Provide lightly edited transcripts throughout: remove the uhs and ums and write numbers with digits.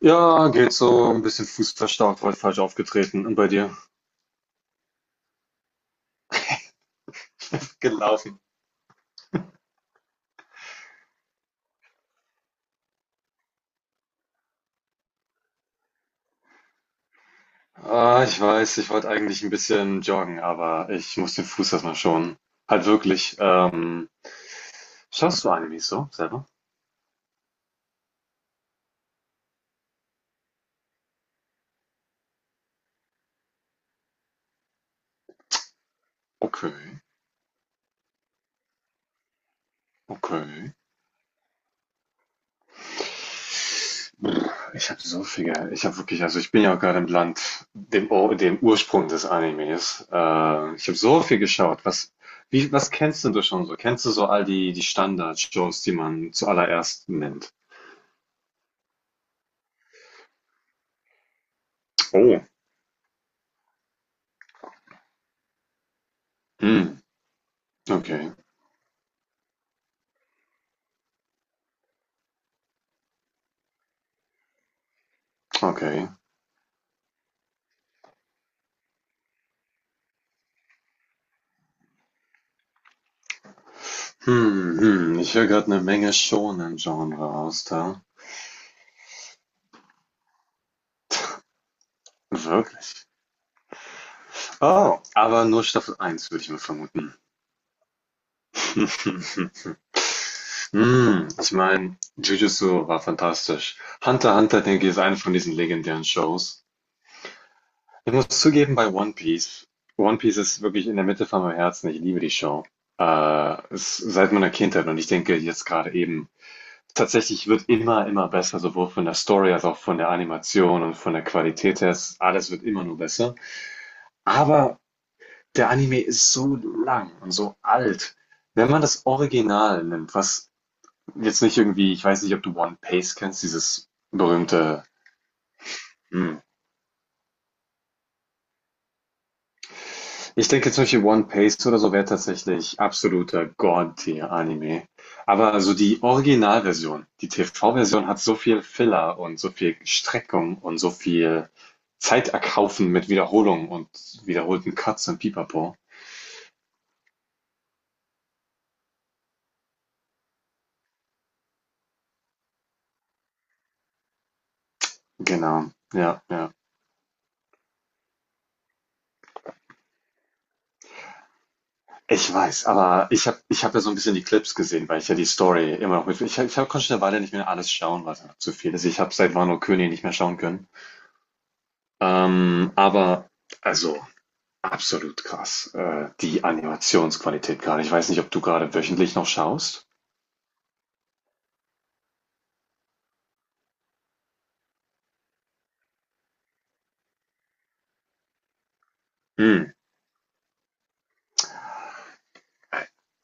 Ja, geht so. Ein bisschen fußverstaucht, heute falsch aufgetreten. Und bei dir? Gelaufen. Ah, ich weiß, ich wollte eigentlich ein bisschen joggen, aber ich muss den Fuß erstmal schonen. Halt wirklich. Schaust du Animes so selber? Okay, okay. Brr, Ich habe wirklich, also ich bin ja auch gerade im Land, dem Ursprung des Animes. Ich habe so viel geschaut. Was kennst denn du schon so? Kennst du so all die Standard-Shows, die man zuallererst nennt? Oh. Hm, okay, okay. Hm, hm, ich höre gerade eine Menge Shōnen-Genre raus da. Wirklich? Oh, aber nur Staffel eins würde ich mal vermuten. Hm, ich meine, Jujutsu war fantastisch. Hunter x Hunter, denke ich, ist eine von diesen legendären Shows. Ich muss zugeben, bei One Piece, ist wirklich in der Mitte von meinem Herzen. Ich liebe die Show. Ist seit meiner Kindheit, und ich denke jetzt gerade eben, tatsächlich wird immer, immer besser, sowohl von der Story als auch von der Animation und von der Qualität her. Alles wird immer nur besser. Aber der Anime ist so lang und so alt. Wenn man das Original nimmt, was jetzt nicht irgendwie, ich weiß nicht, ob du One Piece kennst, dieses berühmte, hm, ich denke zum Beispiel One Piece oder so wäre tatsächlich absoluter God-Tier-Anime. Aber also die Originalversion, die TV-Version hat so viel Filler und so viel Streckung und so viel Zeit erkaufen mit Wiederholungen und wiederholten Cuts und Pipapo. Genau, ja, ja. Ich weiß, aber ich hab ja so ein bisschen die Clips gesehen, weil ich ja die Story immer noch mit. Konnte schon eine Weile nicht mehr alles schauen, weil es einfach zu viel ist. Ich habe seit Wano König nicht mehr schauen können. Ähm, aber, also, Absolut krass. Die Animationsqualität gerade. Ich weiß nicht, ob du gerade wöchentlich noch schaust. Hm.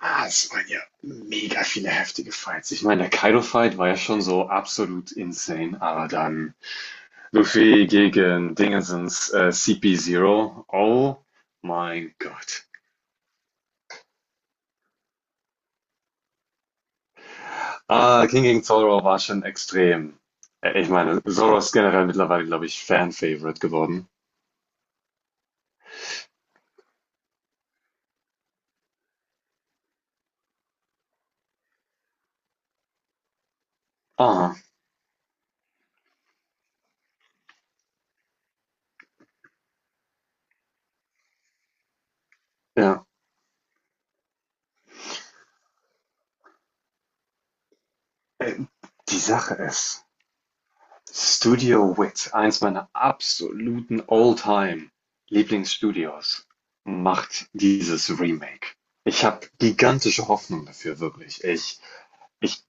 Ah, es waren ja mega viele heftige Fights. Ich meine, der Kaido-Fight war ja schon so absolut insane, aber dann Luffy gegen Dingensens cp Zero. Oh mein Gott. Ah, King gegen Zoro war schon extrem. Ich meine, Zoro ist generell mittlerweile, glaube ich, Fan-Favorite geworden. Ah, ja. Äh, die Sache ist, Studio Wit, eins meiner absoluten All-Time-Lieblingsstudios, macht dieses Remake. Ich habe gigantische Hoffnung dafür, wirklich. Ich,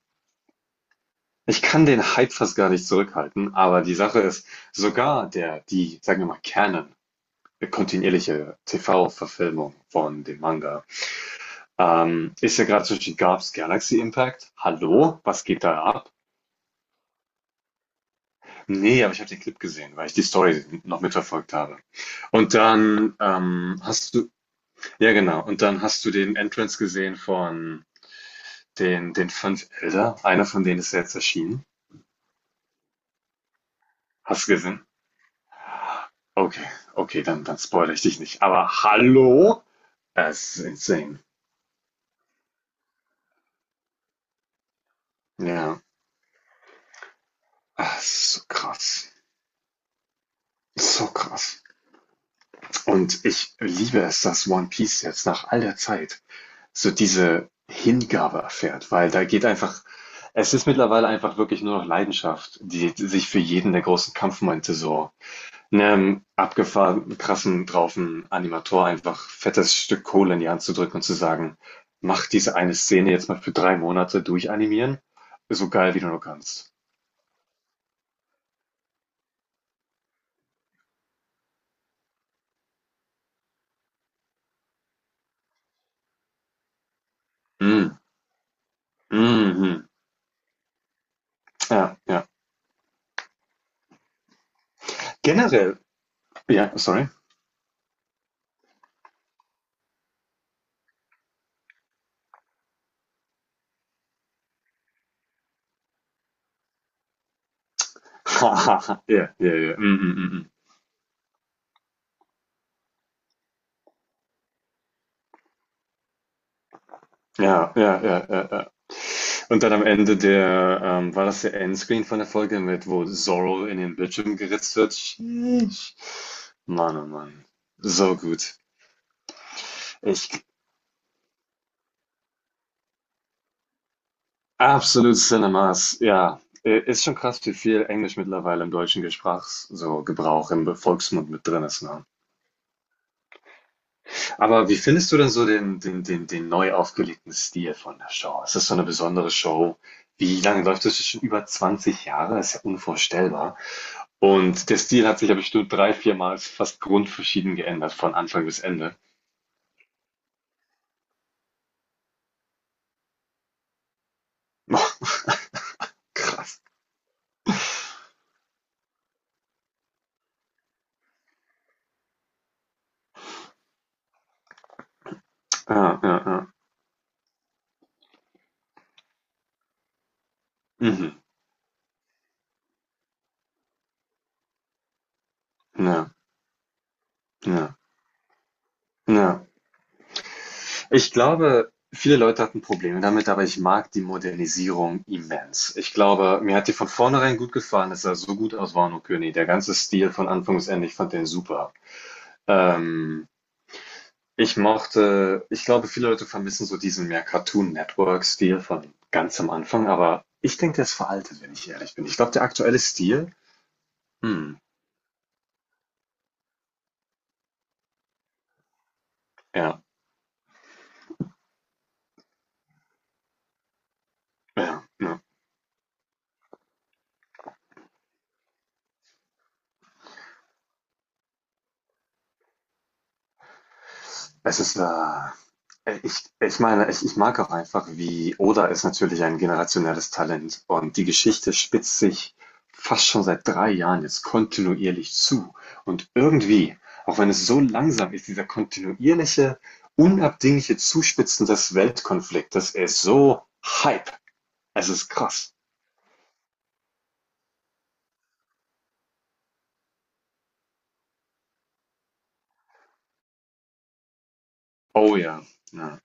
ich kann den Hype fast gar nicht zurückhalten, aber die Sache ist, sogar sagen wir mal, Canon, kontinuierliche TV-Verfilmung von dem Manga, ist ja gerade zwischen Garps Galaxy Impact. Hallo, was geht da ab? Ne, aber ich habe den Clip gesehen, weil ich die Story noch mitverfolgt habe. Und dann, hast du ja genau, und dann hast du den Entrance gesehen von den 5 Elder. Einer von denen ist ja jetzt erschienen. Hast du gesehen? Okay, okay, dann spoilere ich dich nicht. Aber hallo? Es ist insane. Ja, ah, es ist so krass. So krass. Und ich liebe es, dass One Piece jetzt nach all der Zeit so diese Hingabe erfährt, weil da geht einfach, es ist mittlerweile einfach wirklich nur noch Leidenschaft, die sich für jeden der großen Kampfmomente so einem abgefahrenen, krassen, draufen Animator einfach fettes Stück Kohle in die Hand zu drücken und zu sagen, mach diese eine Szene jetzt mal für drei Monate durchanimieren, so geil wie du nur kannst. Mm, mhm. Ja, ja. Generell, ja, sorry. Ja, ja, ja. Mm, mm, mm, mm. Ja, ja, ja, ja, ja. Und dann am Ende der, war das der Endscreen von der Folge mit, wo Zorro in den Bildschirm geritzt wird? Sheesh. Mann, oh Mann. So gut. Ich, absolut Cinemas, ja. Ist schon krass, wie viel Englisch mittlerweile im deutschen Gesprachs so Gebrauch im Volksmund mit drin ist, ne? Aber wie findest du denn so den, den neu aufgelegten Stil von der Show? Ist das so eine besondere Show? Wie lange läuft das schon? Über 20 Jahre? Ist ja unvorstellbar. Und der Stil hat sich ja bestimmt drei, viermal fast grundverschieden geändert, von Anfang bis Ende. Boah, krass. Ja, ja, ja. Mhm. Ja, ja, ja. Ich glaube, viele Leute hatten Probleme damit, aber ich mag die Modernisierung immens. Ich glaube, mir hat die von vornherein gut gefallen. Es sah so gut aus, Wano König. Der ganze Stil von Anfang bis Ende, ich fand den super. Ähm, ich mochte, ich glaube, viele Leute vermissen so diesen mehr Cartoon Network-Stil von ganz am Anfang, aber ich denke, der ist veraltet, wenn ich ehrlich bin. Ich glaube, der aktuelle Stil, hm, ja, ja, ja. Es ist, ich meine, ich mag auch einfach, wie Oda ist natürlich ein generationelles Talent, und die Geschichte spitzt sich fast schon seit drei Jahren jetzt kontinuierlich zu. Und irgendwie, auch wenn es so langsam ist, dieser kontinuierliche, unabdingliche Zuspitzen des Weltkonfliktes ist so Hype. Es ist krass. Oh ja. Ja,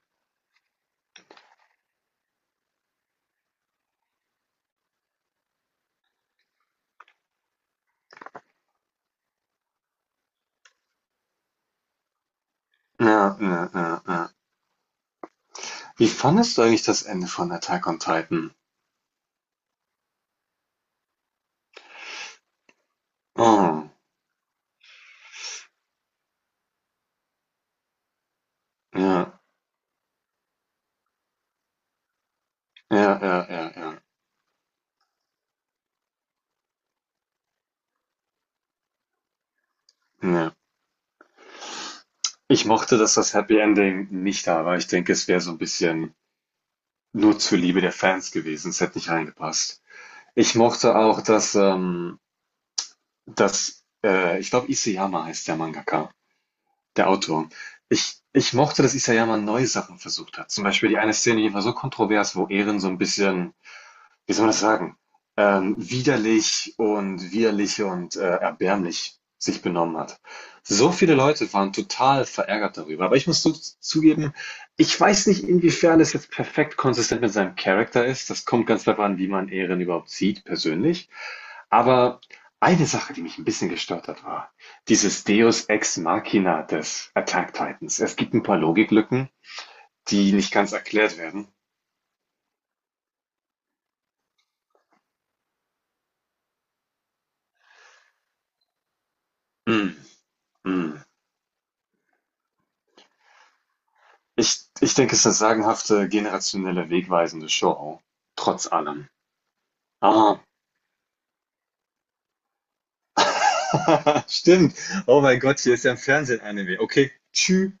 ja, ja, ja, ja. Wie fandest du eigentlich das Ende von Attack on Titan? Oh, ja, ja, ja, ja, ja, ja. Ich mochte, dass das Happy Ending nicht da war. Ich denke, es wäre so ein bisschen nur zur Liebe der Fans gewesen. Es hätte nicht reingepasst. Ich mochte auch, dass ich glaube, Isayama heißt der Mangaka, der Autor. Ich mochte, dass Isayama neue Sachen versucht hat. Zum Beispiel die eine Szene, die war so kontrovers, wo Eren so ein bisschen, wie soll man das sagen, widerlich und erbärmlich sich benommen hat. So viele Leute waren total verärgert darüber. Aber ich muss zu zugeben, ich weiß nicht, inwiefern es jetzt perfekt konsistent mit seinem Charakter ist. Das kommt ganz darauf an, wie man Eren überhaupt sieht, persönlich. Aber eine Sache, die mich ein bisschen gestört hat, war dieses Deus Ex Machina des Attack Titans. Es gibt ein paar Logiklücken, die nicht ganz erklärt werden. Mm, mm. Ich denke, es ist 'ne sagenhafte, generationelle, wegweisende Show, trotz allem. Ah, stimmt. Oh mein Gott, hier ist ja im Fernsehen Anime. Okay, tschü.